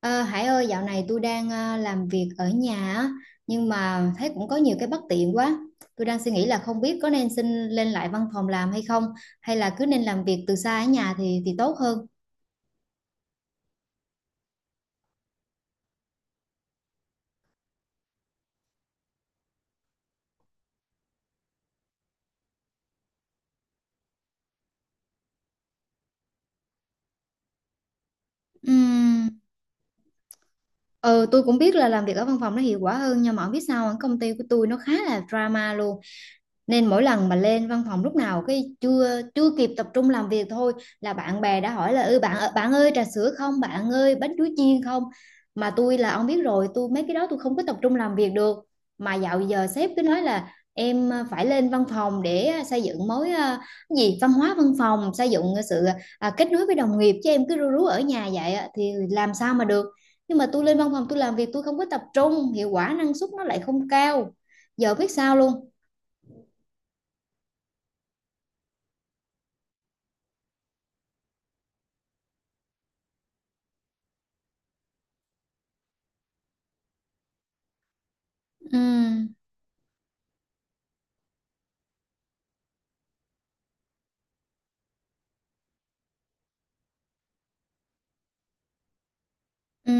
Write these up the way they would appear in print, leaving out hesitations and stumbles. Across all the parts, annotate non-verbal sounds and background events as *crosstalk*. Ờ, Hải ơi, dạo này tôi đang làm việc ở nhà á, nhưng mà thấy cũng có nhiều cái bất tiện quá. Tôi đang suy nghĩ là không biết có nên xin lên lại văn phòng làm hay không, hay là cứ nên làm việc từ xa ở nhà thì tốt hơn. Ừm, Ờ, tôi cũng biết là làm việc ở văn phòng nó hiệu quả hơn, nhưng mà không biết sao công ty của tôi nó khá là drama luôn. Nên mỗi lần mà lên văn phòng, lúc nào cái chưa chưa kịp tập trung làm việc thôi là bạn bè đã hỏi là bạn ơi trà sữa không, bạn ơi bánh chuối chiên không. Mà tôi, là ông biết rồi, tôi mấy cái đó tôi không có tập trung làm việc được. Mà dạo giờ sếp cứ nói là em phải lên văn phòng để xây dựng mối, cái gì, văn hóa văn phòng, xây dựng sự kết nối với đồng nghiệp, chứ em cứ rú rú ở nhà vậy á, thì làm sao mà được. Nhưng mà tôi lên văn phòng tôi làm việc tôi không có tập trung, hiệu quả năng suất nó lại không cao, giờ biết sao luôn. Ừ, ừ,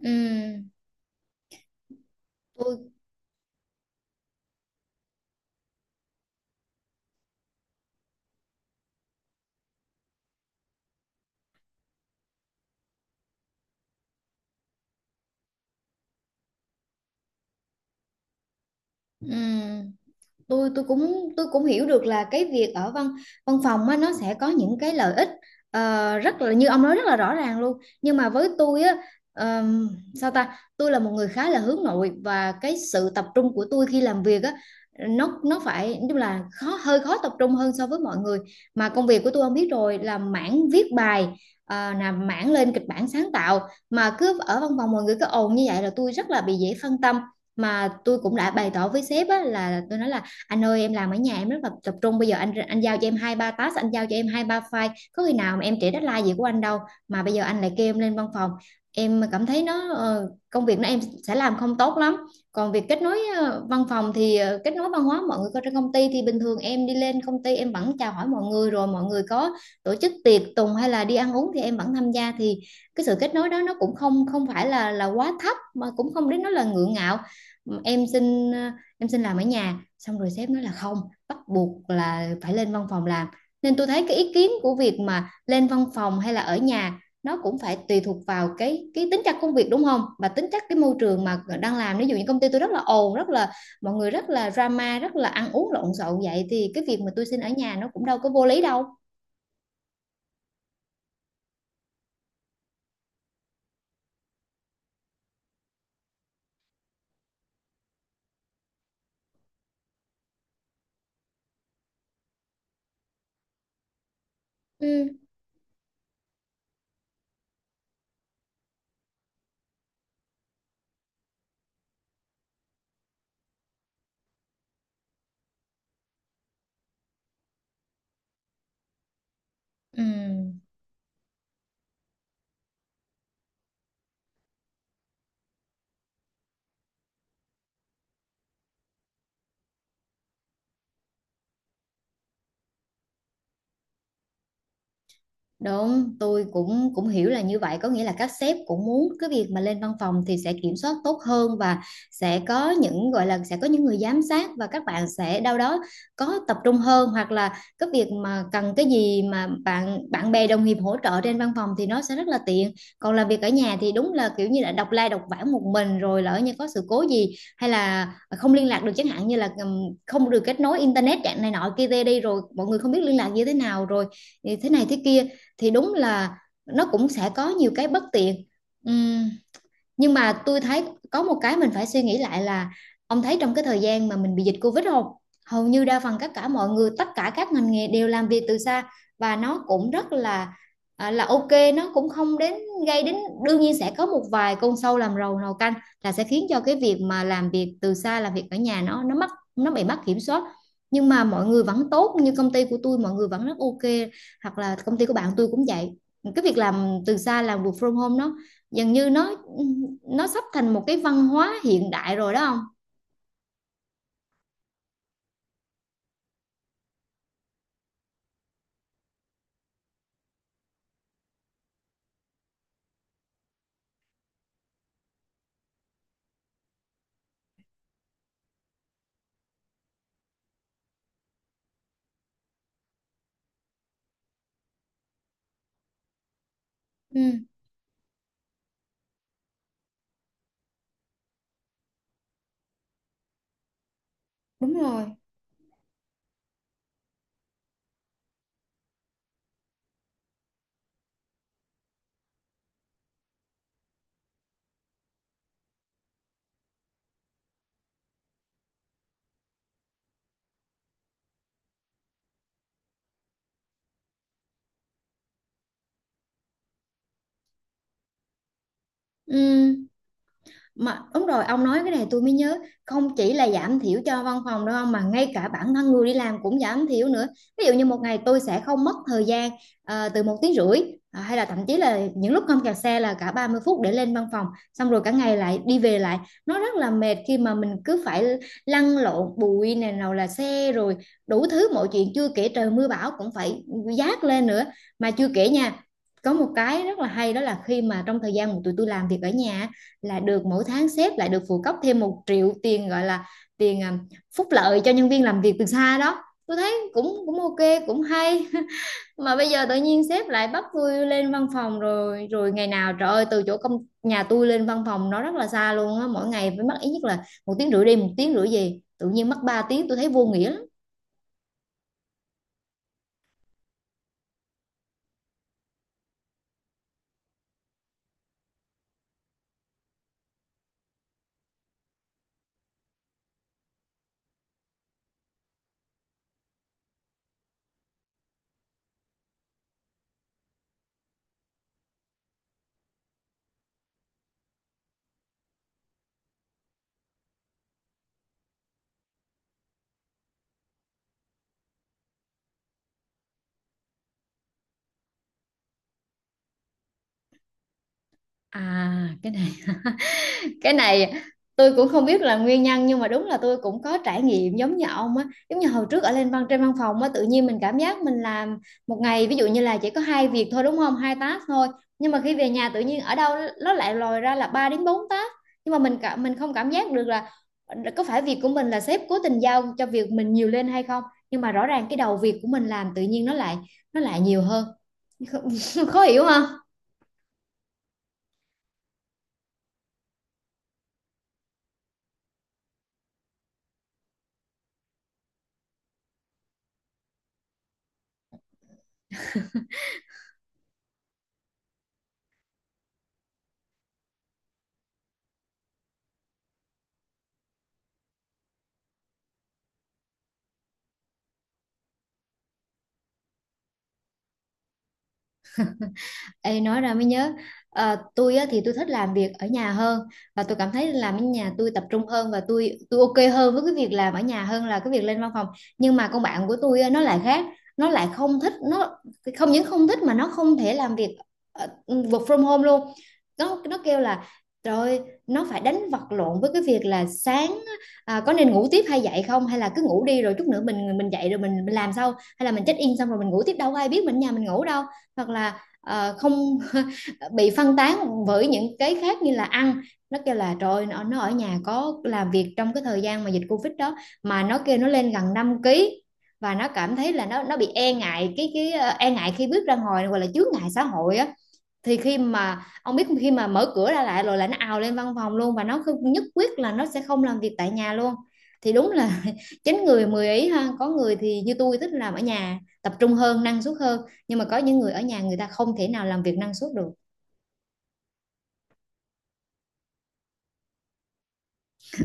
ừ. Tôi ừ tôi tôi cũng tôi cũng hiểu được là cái việc ở văn văn phòng á, nó sẽ có những cái lợi ích rất là, như ông nói rất là rõ ràng luôn, nhưng mà với tôi á, ờm, sao ta, tôi là một người khá là hướng nội, và cái sự tập trung của tôi khi làm việc á, nó phải, tức là hơi khó tập trung hơn so với mọi người. Mà công việc của tôi, ông biết rồi, là mảng viết bài, là mảng lên kịch bản sáng tạo. Mà cứ ở văn phòng mọi người cứ ồn như vậy là tôi rất là bị dễ phân tâm. Mà tôi cũng đã bày tỏ với sếp á, là tôi nói là anh ơi, em làm ở nhà em rất là tập trung, bây giờ anh giao cho em hai ba task, anh giao cho em hai ba file, có khi nào mà em trễ deadline gì của anh đâu. Mà bây giờ anh lại kêu em lên văn phòng, em cảm thấy nó, công việc nó em sẽ làm không tốt lắm. Còn việc kết nối, văn phòng thì, kết nối văn hóa mọi người có trên công ty, thì bình thường em đi lên công ty em vẫn chào hỏi mọi người, rồi mọi người có tổ chức tiệc tùng hay là đi ăn uống thì em vẫn tham gia, thì cái sự kết nối đó nó cũng không không phải là quá thấp, mà cũng không đến nó là ngượng ngạo. em xin ờ, em xin làm ở nhà, xong rồi sếp nói là không, bắt buộc là phải lên văn phòng làm. Nên tôi thấy cái ý kiến của việc mà lên văn phòng hay là ở nhà nó cũng phải tùy thuộc vào cái tính chất công việc, đúng không, và tính chất cái môi trường mà đang làm. Ví dụ như công ty tôi rất là ồn, rất là mọi người rất là drama, rất là ăn uống lộn xộn, vậy thì cái việc mà tôi xin ở nhà nó cũng đâu có vô lý đâu. Ừ, ừ. Đúng, tôi cũng cũng hiểu là như vậy, có nghĩa là các sếp cũng muốn cái việc mà lên văn phòng thì sẽ kiểm soát tốt hơn, và sẽ có những, gọi là, sẽ có những người giám sát, và các bạn sẽ đâu đó có tập trung hơn, hoặc là cái việc mà cần cái gì mà bạn bạn bè đồng nghiệp hỗ trợ trên văn phòng thì nó sẽ rất là tiện. Còn làm việc ở nhà thì đúng là kiểu như là độc lai độc vãng một mình, rồi lỡ như có sự cố gì hay là không liên lạc được, chẳng hạn như là không được kết nối internet dạng này nọ kia, tê đi rồi mọi người không biết liên lạc như thế nào, rồi thì thế này thế kia, thì đúng là nó cũng sẽ có nhiều cái bất tiện. Ừm, nhưng mà tôi thấy có một cái mình phải suy nghĩ lại là, ông thấy trong cái thời gian mà mình bị dịch Covid không, hầu như đa phần tất cả mọi người, tất cả các ngành nghề đều làm việc từ xa, và nó cũng rất là, là ok, nó cũng không đến, gây đến. Đương nhiên sẽ có một vài con sâu làm rầu nồi canh, là sẽ khiến cho cái việc mà làm việc từ xa, làm việc ở nhà, nó bị mất kiểm soát. Nhưng mà mọi người vẫn tốt, như công ty của tôi mọi người vẫn rất ok, hoặc là công ty của bạn tôi cũng vậy. Cái việc làm từ xa, làm work from home, nó dường như nó sắp thành một cái văn hóa hiện đại rồi đó không. Ừ, đúng rồi. Ừ. Mà đúng rồi, ông nói cái này tôi mới nhớ, không chỉ là giảm thiểu cho văn phòng đâu ông, mà ngay cả bản thân người đi làm cũng giảm thiểu nữa. Ví dụ như một ngày tôi sẽ không mất thời gian từ 1 tiếng rưỡi, hay là thậm chí là những lúc không kẹt xe là cả 30 phút để lên văn phòng, xong rồi cả ngày lại đi về lại, nó rất là mệt khi mà mình cứ phải lăn lộn, bụi này, nào là xe, rồi đủ thứ mọi chuyện, chưa kể trời mưa bão cũng phải dát lên nữa. Mà chưa kể nha, có một cái rất là hay, đó là khi mà trong thời gian mà tụi tôi làm việc ở nhà á, là được mỗi tháng sếp lại được phụ cấp thêm 1 triệu tiền, gọi là tiền, phúc lợi cho nhân viên làm việc từ xa đó. Tôi thấy cũng cũng ok, cũng hay. *laughs* Mà bây giờ tự nhiên sếp lại bắt tôi lên văn phòng, rồi rồi ngày nào trời ơi, từ chỗ công nhà tôi lên văn phòng nó rất là xa luôn á, mỗi ngày phải mất ít nhất là 1 tiếng rưỡi đi, 1 tiếng rưỡi về, tự nhiên mất 3 tiếng, tôi thấy vô nghĩa lắm. À, cái này tôi cũng không biết là nguyên nhân, nhưng mà đúng là tôi cũng có trải nghiệm giống như ông á. Giống như hồi trước ở lên văn trên văn phòng á, tự nhiên mình cảm giác mình làm một ngày, ví dụ như là chỉ có hai việc thôi, đúng không, hai task thôi, nhưng mà khi về nhà tự nhiên ở đâu nó lại lòi ra là 3 đến 4 task. Nhưng mà mình không cảm giác được là có phải việc của mình là sếp cố tình giao cho việc mình nhiều lên hay không, nhưng mà rõ ràng cái đầu việc của mình làm tự nhiên nó lại nhiều hơn. *laughs* Khó hiểu không? Ê, nói ra mới nhớ. Tôi á, thì tôi thích làm việc ở nhà hơn, và tôi cảm thấy làm ở nhà tôi tập trung hơn, và tôi ok hơn với cái việc làm ở nhà hơn là cái việc lên văn phòng. Nhưng mà con bạn của tôi á, nó lại khác, nó lại không thích, nó không những không thích mà nó không thể làm việc work from home luôn. Nó kêu là, rồi nó phải đánh vật lộn với cái việc là sáng, có nên ngủ tiếp hay dậy không, hay là cứ ngủ đi rồi chút nữa mình dậy rồi mình làm sau, hay là mình check in xong rồi mình ngủ tiếp đâu có ai biết mình ở nhà mình ngủ đâu, hoặc là không. *laughs* Bị phân tán bởi những cái khác như là ăn. Nó kêu là trời, nó ở nhà có làm việc trong cái thời gian mà dịch Covid đó, mà nó kêu nó lên gần 5 ký, và nó cảm thấy là nó bị e ngại cái e ngại khi bước ra ngoài, gọi là chướng ngại xã hội á. Thì khi mà ông biết, khi mà mở cửa ra lại rồi là nó ào lên văn phòng luôn, và nó không, nhất quyết là nó sẽ không làm việc tại nhà luôn. Thì đúng là *laughs* chín người mười ý ha, có người thì như tôi thích làm ở nhà tập trung hơn, năng suất hơn, nhưng mà có những người ở nhà người ta không thể nào làm việc năng suất được.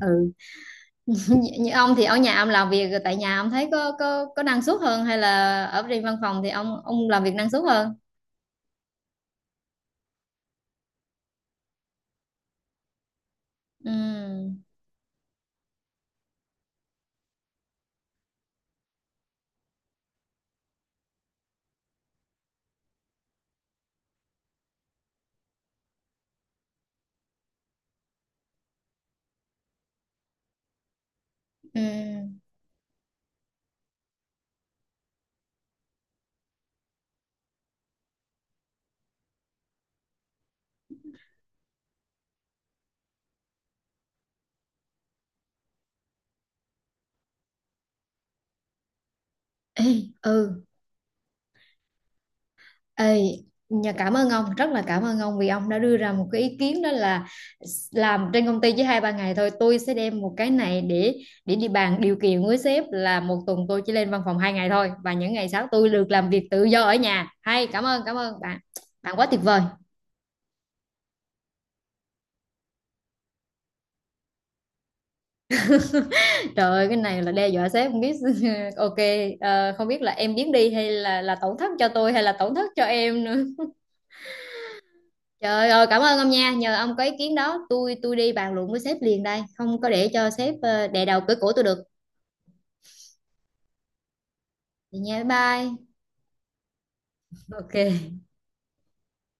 Ừ. *laughs* Như ông thì ở nhà, ông làm việc tại nhà ông thấy có năng suất hơn, hay là ở trên văn phòng thì ông làm việc năng suất hơn? Ừ, ừ. Ê, ừ. Ê, nhà cảm ơn ông, rất là cảm ơn ông, vì ông đã đưa ra một cái ý kiến, đó là làm trên công ty chỉ hai ba ngày thôi. Tôi sẽ đem một cái này để đi bàn điều kiện với sếp là một tuần tôi chỉ lên văn phòng hai ngày thôi, và những ngày sau tôi được làm việc tự do ở nhà, hay, cảm ơn, cảm ơn bạn. Bạn quá tuyệt vời. Trời ơi, cái này là đe dọa sếp không biết. *laughs* Ok. Không biết là em biến đi, hay là tổn thất cho tôi, hay là tổn thất cho em nữa. Trời ơi, cảm ơn ông nha. Nhờ ông có ý kiến đó, tôi đi bàn luận với sếp liền đây, không có để cho sếp đè đầu cửa cổ tôi được. Vậy nha, bye bye. Ok.